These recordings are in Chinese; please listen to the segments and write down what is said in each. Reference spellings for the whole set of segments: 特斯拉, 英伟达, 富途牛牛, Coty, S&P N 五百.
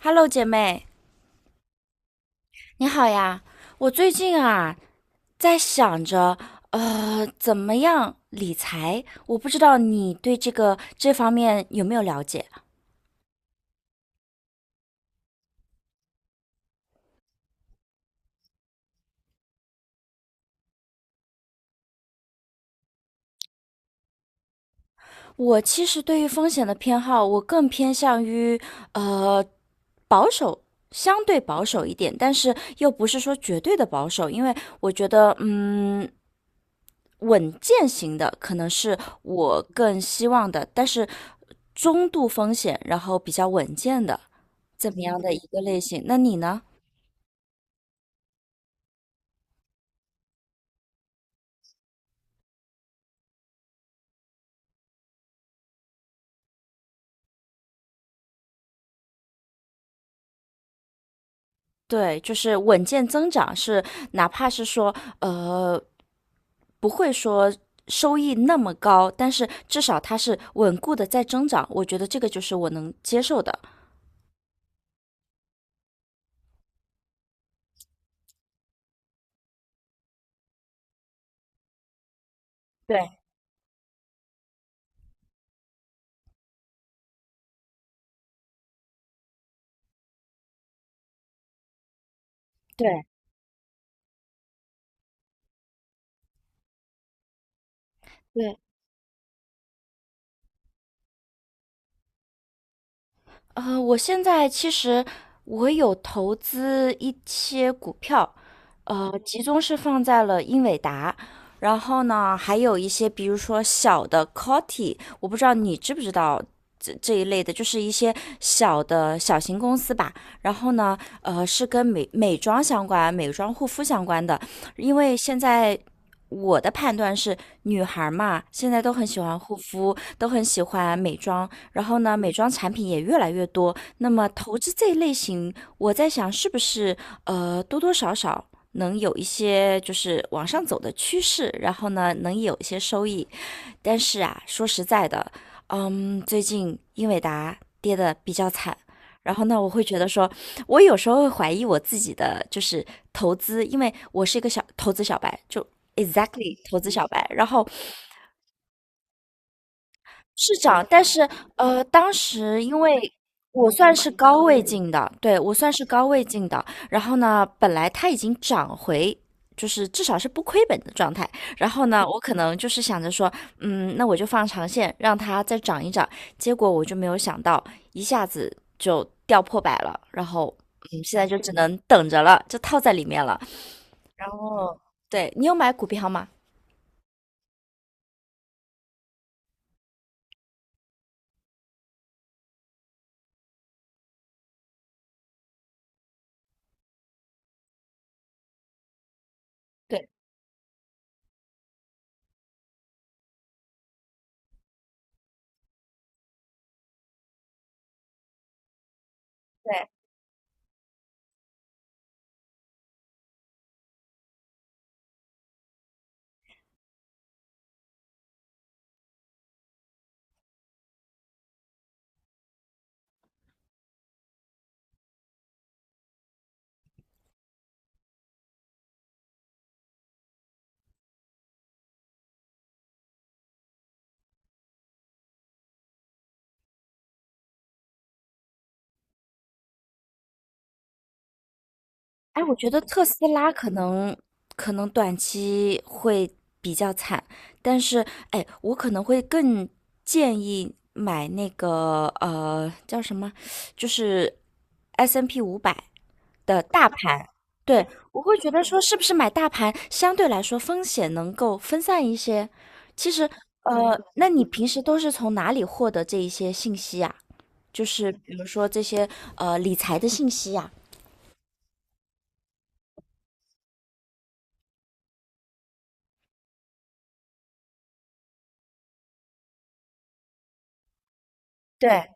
Hello，姐妹，你好呀！我最近啊在想着，怎么样理财？我不知道你对这方面有没有了解？我其实对于风险的偏好，我更偏向于呃保守，相对保守一点，但是又不是说绝对的保守，因为我觉得，稳健型的可能是我更希望的，但是中度风险，然后比较稳健的。怎么样的一个类型？那你呢？对，就是稳健增长是，哪怕是说呃不会说收益那么高，但是至少它是稳固的在增长，我觉得这个就是我能接受的。对对对。我现在其实我有投资一些股票，集中是放在了英伟达，然后呢，还有一些比如说小的 Coty，我不知道你知不知道这一类的，就是一些小型公司吧。然后呢，是跟美妆相关、美妆护肤相关的，因为现在。我的判断是，女孩儿嘛，现在都很喜欢护肤，都很喜欢美妆，然后呢，美妆产品也越来越多。那么投资这一类型，我在想是不是多多少少能有一些就是往上走的趋势，然后呢能有一些收益。但是啊，说实在的，最近英伟达跌的比较惨。然后呢，我会觉得说，我有时候会怀疑我自己的就是投资，因为我是一个小投资小白，就 exactly 投资小白。然后是涨，但是当时因为我算是高位进的，对，我算是高位进的。然后呢，本来它已经涨回，就是至少是不亏本的状态。然后呢，我可能就是想着说，那我就放长线，让它再涨一涨。结果我就没有想到，一下子就掉破百了。然后，现在就只能等着了，就套在里面了。然后，对，你有买股票吗？对。对。哎，我觉得特斯拉可能短期会比较惨，但是哎，我可能会更建议买那个呃叫什么，就是 S&P N 五百的大盘。对，我会觉得说是不是买大盘相对来说风险能够分散一些。其实那你平时都是从哪里获得这一些信息呀？就是比如说这些理财的信息呀？对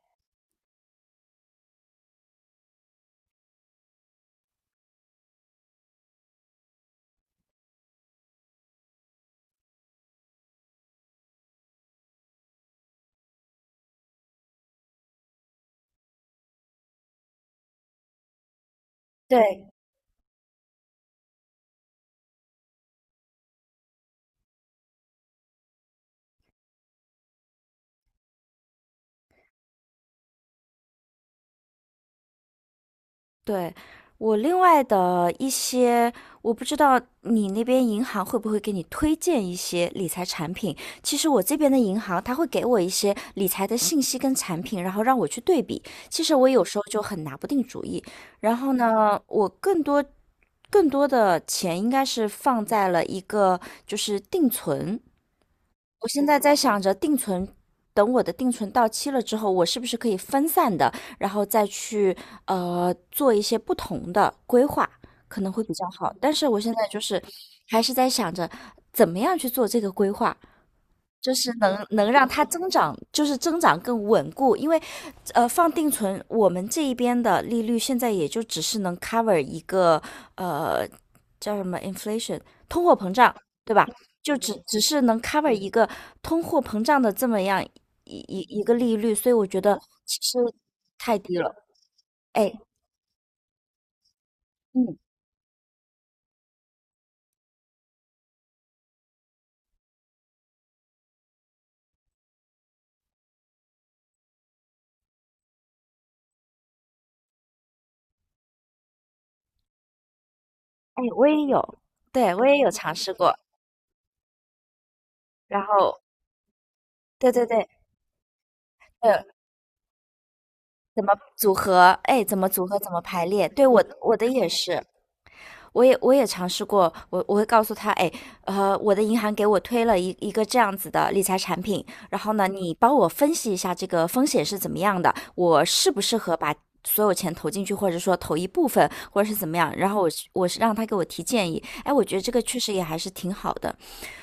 对，对，我另外的一些，我不知道你那边银行会不会给你推荐一些理财产品。其实我这边的银行，它会给我一些理财的信息跟产品，然后让我去对比。其实我有时候就很拿不定主意。然后呢，我更多的钱应该是放在了一个就是定存，我现在在想着定存，等我的定存到期了之后，我是不是可以分散的，然后再去做一些不同的规划，可能会比较好。但是我现在就是还是在想着怎么样去做这个规划，就是能让它增长，就是增长更稳固，因为，放定存，我们这一边的利率现在也就只是能 cover 一个呃叫什么 inflation 通货膨胀，对吧？就只是能 cover 一个通货膨胀的这么样一个利率，所以我觉得其实太低了。哎哎，我也有，对我也有尝试过，然后对对对，呃，怎么组合？哎，怎么组合？怎么排列？对我的也是。我也尝试过，我会告诉他，哎，我的银行给我推了一个这样子的理财产品，然后呢，你帮我分析一下这个风险是怎么样的，我适不适合把所有钱投进去，或者说投一部分，或者是怎么样，然后我是让他给我提建议，哎，我觉得这个确实也还是挺好的，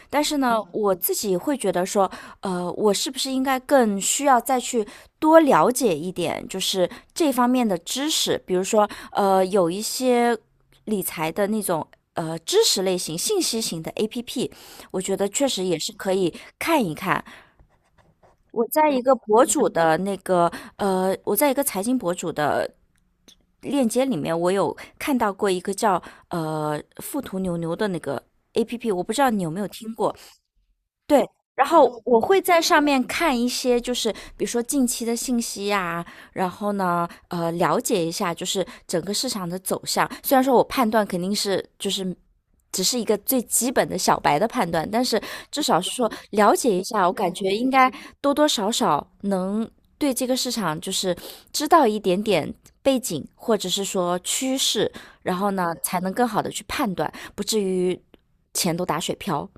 但是呢，我自己会觉得说，我是不是应该更需要再去多了解一点，就是这方面的知识，比如说，有一些理财的那种。知识类型、信息型的 APP，我觉得确实也是可以看一看。我在一个财经博主的链接里面，我有看到过一个叫“富途牛牛”的那个 APP，我不知道你有没有听过。对，然后我会在上面看一些，就是比如说近期的信息呀、然后呢，了解一下就是整个市场的走向。虽然说我判断肯定是就是只是一个最基本的小白的判断，但是至少是说了解一下，我感觉应该多多少少能对这个市场就是知道一点点背景，或者是说趋势，然后呢，才能更好的去判断，不至于钱都打水漂。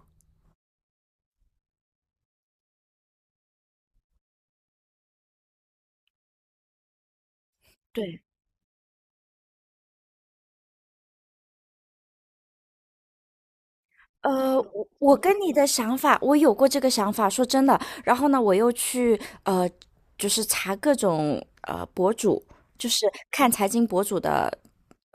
对。我跟你的想法，我有过这个想法，说真的。然后呢，我又去就是查各种呃博主，就是看财经博主的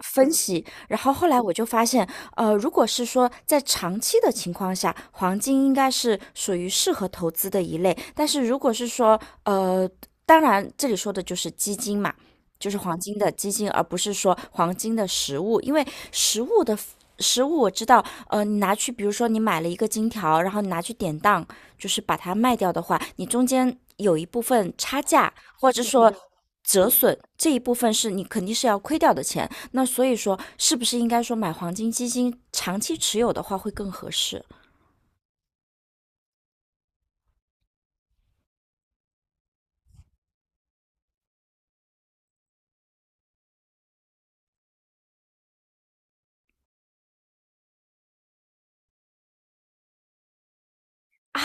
分析。然后后来我就发现，如果是说在长期的情况下，黄金应该是属于适合投资的一类。但是如果是说呃，当然这里说的就是基金嘛，就是黄金的基金，而不是说黄金的实物，因为实物的实物我知道，你拿去，比如说你买了一个金条，然后你拿去典当，就是把它卖掉的话，你中间有一部分差价，或者说折损这一部分是你肯定是要亏掉的钱。那所以说，是不是应该说买黄金基金长期持有的话会更合适啊？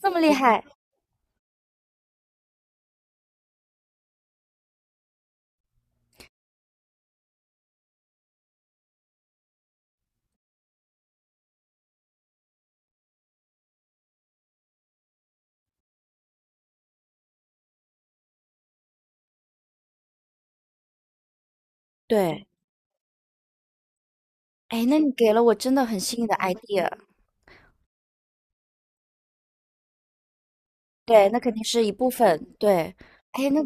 这么厉害，对，哎，那你给了我真的很新颖的 idea。对，那肯定是一部分。对，哎，那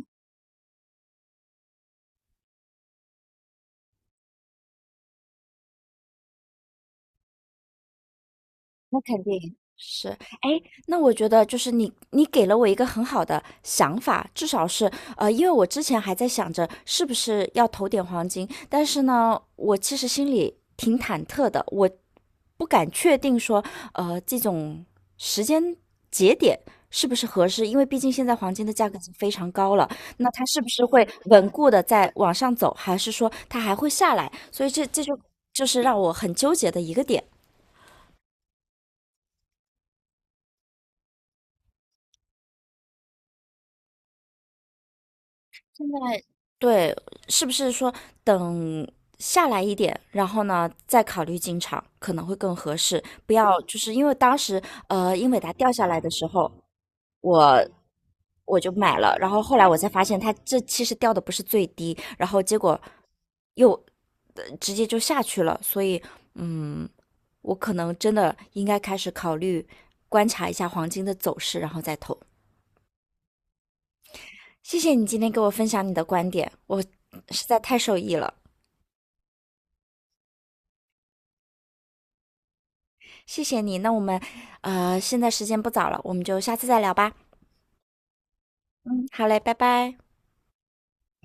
那肯定是，哎，那我觉得就是你，你给了我一个很好的想法，至少是，因为我之前还在想着是不是要投点黄金，但是呢，我其实心里挺忐忑的，我不敢确定说，这种时间节点是不是合适，因为毕竟现在黄金的价格已经非常高了，那它是不是会稳固的在往上走，还是说它还会下来？所以这就是让我很纠结的一个点。现在对，是不是说等下来一点，然后呢再考虑进场可能会更合适？不要就是因为当时英伟达掉下来的时候，我我就买了，然后后来我才发现它这其实掉的不是最低，然后结果又直接就下去了，所以嗯，我可能真的应该开始考虑观察一下黄金的走势，然后再投。谢谢你今天给我分享你的观点，我实在太受益了，谢谢你。那我们，现在时间不早了，我们就下次再聊吧。好嘞，拜拜。